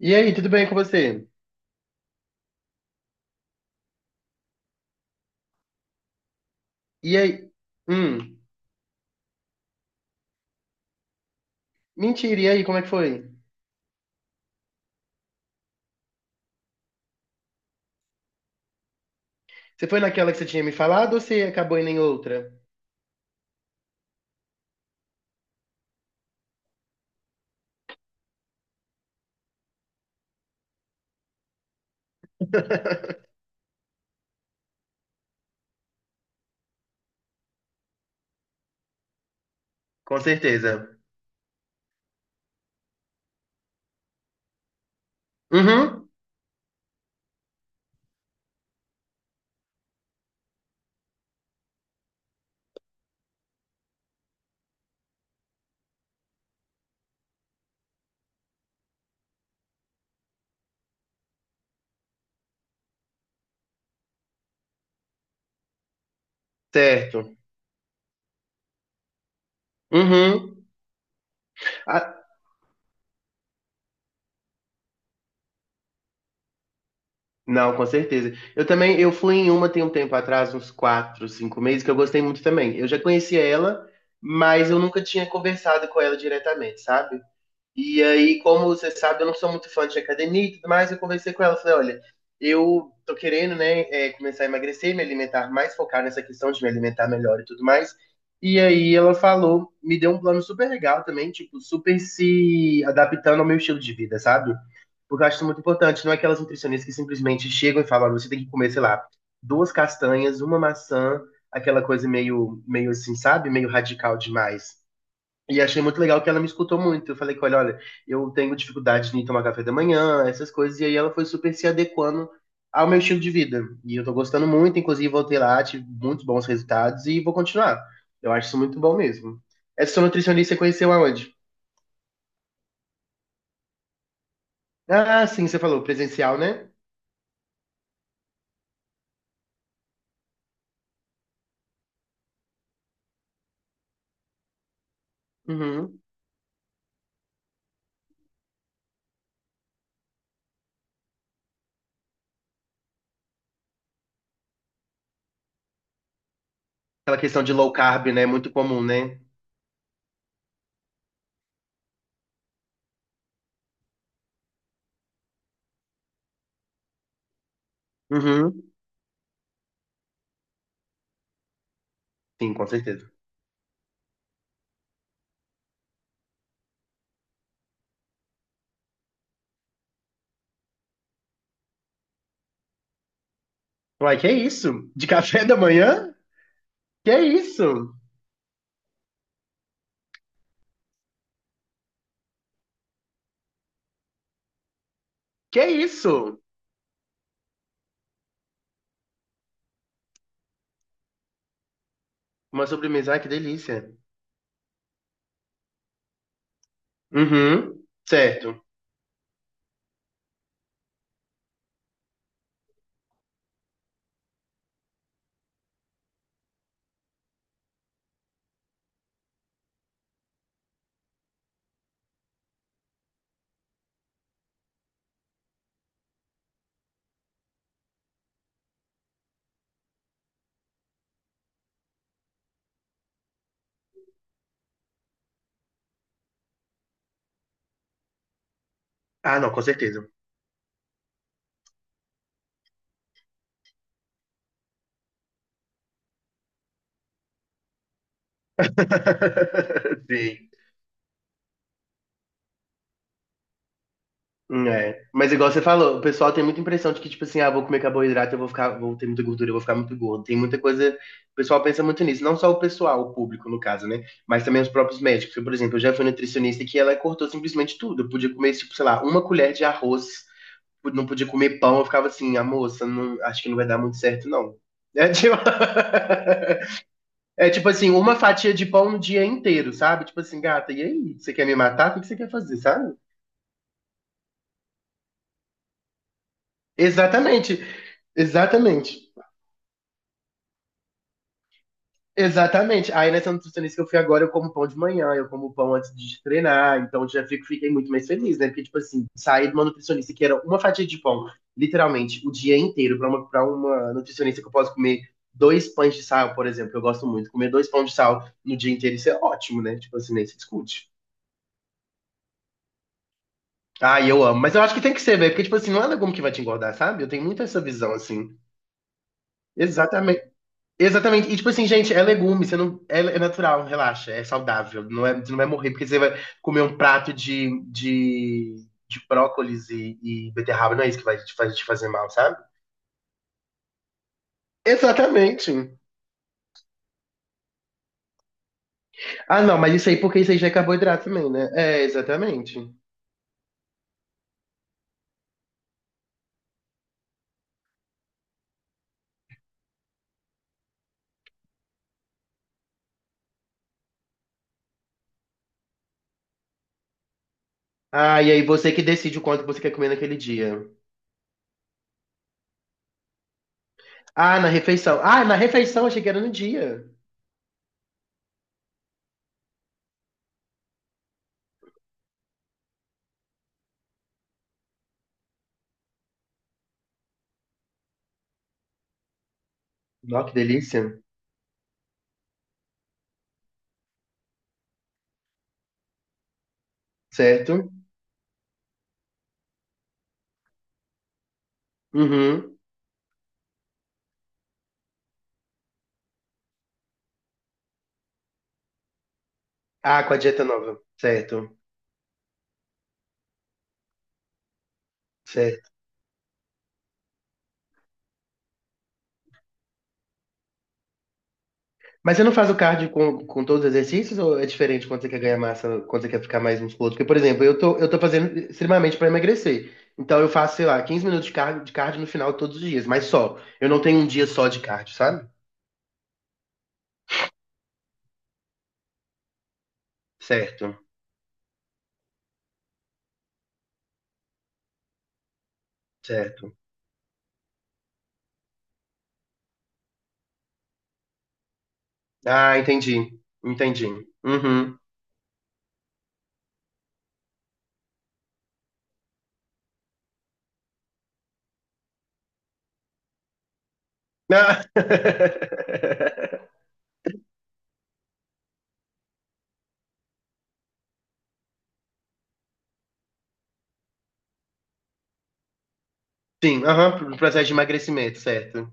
E aí, tudo bem com você? E aí? Hum, mentira, e aí, como é que foi? Você foi naquela que você tinha me falado ou você acabou indo em outra? Com certeza. Uhum, certo. Uhum. Ah, não, com certeza. Eu também, eu fui em uma tem um tempo atrás, uns quatro, cinco meses, que eu gostei muito também. Eu já conhecia ela, mas eu nunca tinha conversado com ela diretamente, sabe? E aí, como você sabe, eu não sou muito fã de academia e tudo mais, eu conversei com ela, falei, olha, eu tô querendo, né, começar a emagrecer, me alimentar mais, focar nessa questão de me alimentar melhor e tudo mais. E aí ela falou, me deu um plano super legal também, tipo, super se adaptando ao meu estilo de vida, sabe? Porque eu acho isso muito importante, não é aquelas nutricionistas que simplesmente chegam e falam, olha, você tem que comer, sei lá, duas castanhas, uma maçã, aquela coisa meio assim, sabe? Meio radical demais. E achei muito legal que ela me escutou muito. Eu falei com ela, olha, eu tenho dificuldade em tomar café da manhã, essas coisas. E aí ela foi super se adequando ao meu estilo de vida. E eu tô gostando muito, inclusive voltei lá, tive muitos bons resultados e vou continuar. Eu acho isso muito bom mesmo. Essa sua nutricionista você conheceu aonde? Ah, sim, você falou, presencial, né? Uhum. Aquela questão de low carb, né? Muito comum, né? Uhum. Sim, com certeza. Uai, que é isso? De café da manhã? Que é isso? Que é isso? Uma sobremesa, ai, que delícia. Uhum, certo. Ah, não, com certeza. Sim. É. Mas igual você falou, o pessoal tem muita impressão de que, tipo assim, ah, vou comer carboidrato, vou ter muita gordura, eu vou ficar muito gordo. Tem muita coisa. O pessoal pensa muito nisso. Não só o pessoal, o público, no caso, né? Mas também os próprios médicos. Eu, por exemplo, eu já fui nutricionista que ela cortou simplesmente tudo. Eu podia comer, tipo, sei lá, uma colher de arroz, não podia comer pão. Eu ficava assim, a moça, não, acho que não vai dar muito certo, não. É, tipo... É tipo assim, uma fatia de pão no dia inteiro, sabe? Tipo assim, gata, e aí? Você quer me matar? O que que você quer fazer, sabe? Exatamente, exatamente, exatamente. Aí nessa nutricionista que eu fui agora, eu como pão de manhã, eu como pão antes de treinar, então fiquei muito mais feliz, né? Porque, tipo assim, sair de uma nutricionista que era uma fatia de pão, literalmente, o dia inteiro, pra uma nutricionista que eu posso comer dois pães de sal, por exemplo, eu gosto muito, comer dois pães de sal no dia inteiro, isso é ótimo, né? Tipo assim, nem se discute. Ah, eu amo. Mas eu acho que tem que ser, velho. Porque, tipo assim, não é legume que vai te engordar, sabe? Eu tenho muito essa visão, assim. Exatamente. Exatamente. E, tipo assim, gente, é legume. Você não... É, é natural, relaxa. É saudável. Não é... Você não vai morrer porque você vai comer um prato de brócolis e beterraba. Não é isso que vai te fazer mal, sabe? Exatamente. Ah, não. Mas isso aí, porque isso aí já é carboidrato também, né? É, exatamente. Ah, e aí você que decide o quanto você quer comer naquele dia. Ah, na refeição. Ah, na refeição. Achei que era no dia. Nossa, que delícia. Certo? Uhum. Ah, com a dieta nova. Certo. Certo. Mas você não faz o cardio com todos os exercícios ou é diferente quando você quer ganhar massa, quando você quer ficar mais musculoso? Porque, por exemplo, eu tô fazendo extremamente para emagrecer. Então eu faço, sei lá, 15 minutos de cardio, no final todos os dias, mas só. Eu não tenho um dia só de cardio, sabe? Certo. Certo. Ah, entendi. Entendi. Uhum. Ah. Sim, aham, pro processo de emagrecimento, certo.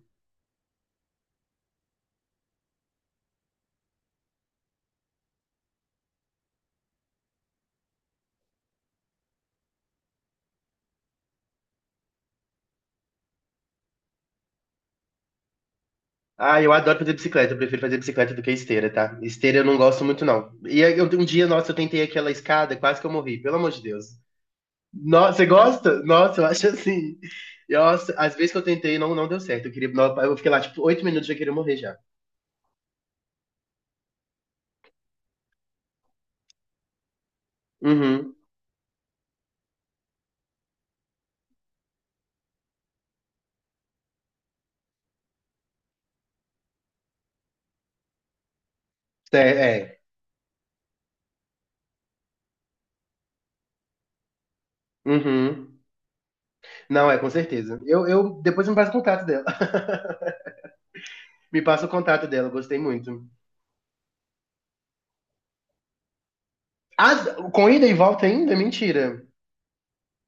Ah, eu adoro fazer bicicleta. Eu prefiro fazer bicicleta do que esteira, tá? Esteira eu não gosto muito, não. E aí, eu, um dia, nossa, eu tentei aquela escada, quase que eu morri, pelo amor de Deus. Nossa, você gosta? Nossa, eu acho assim. Nossa, às vezes que eu tentei, não, não deu certo. Eu queria, não, eu fiquei lá, tipo, 8 minutos já queria morrer já. Uhum. É, é. Uhum. Não, é, com certeza. Depois me passa o contato dela. Me passa o contato dela, eu gostei muito. Ah, com ida e volta ainda? Mentira.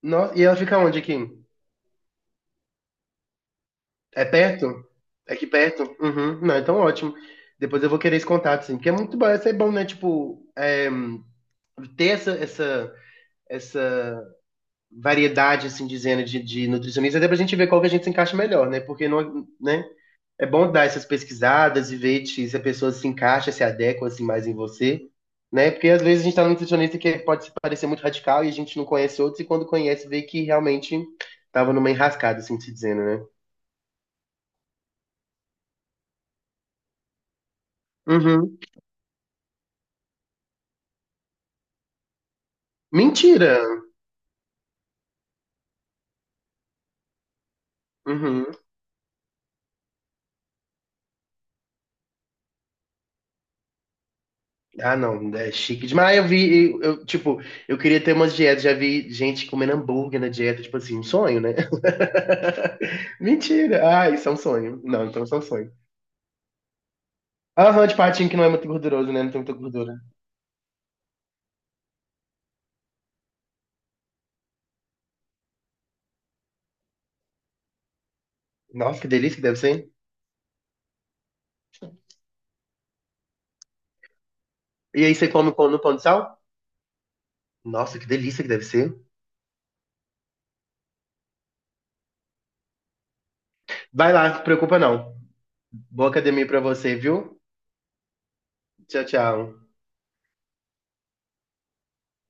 Nossa, e ela fica onde aqui? É perto? É aqui perto? Uhum. Não, então ótimo. Depois eu vou querer esse contato, sim. Porque é muito bom, isso é bom, né? Tipo, é, ter essa variedade, assim, dizendo de nutricionista, até pra gente ver qual que a gente se encaixa melhor, né? Porque não, né? É bom dar essas pesquisadas e ver se a pessoa se encaixa, se adequa, assim, mais em você, né? Porque às vezes a gente tá num nutricionista que pode se parecer muito radical e a gente não conhece outros, e quando conhece, vê que realmente tava numa enrascada, assim, se dizendo, né? Uhum. Mentira! Uhum. Ah, não, é chique demais. Ah, eu vi, tipo, eu queria ter umas dietas, já vi gente comendo hambúrguer na dieta, tipo assim, um sonho, né? Mentira! Ah, isso é um sonho. Não, então isso é um sonho. Aham, de patinho que não é muito gorduroso, né? Não tem muita gordura. Nossa, que delícia que deve ser. E aí você come no pão de sal? Nossa, que delícia que deve ser. Vai lá, não se preocupa não. Boa academia pra você, viu? Tchau, tchau.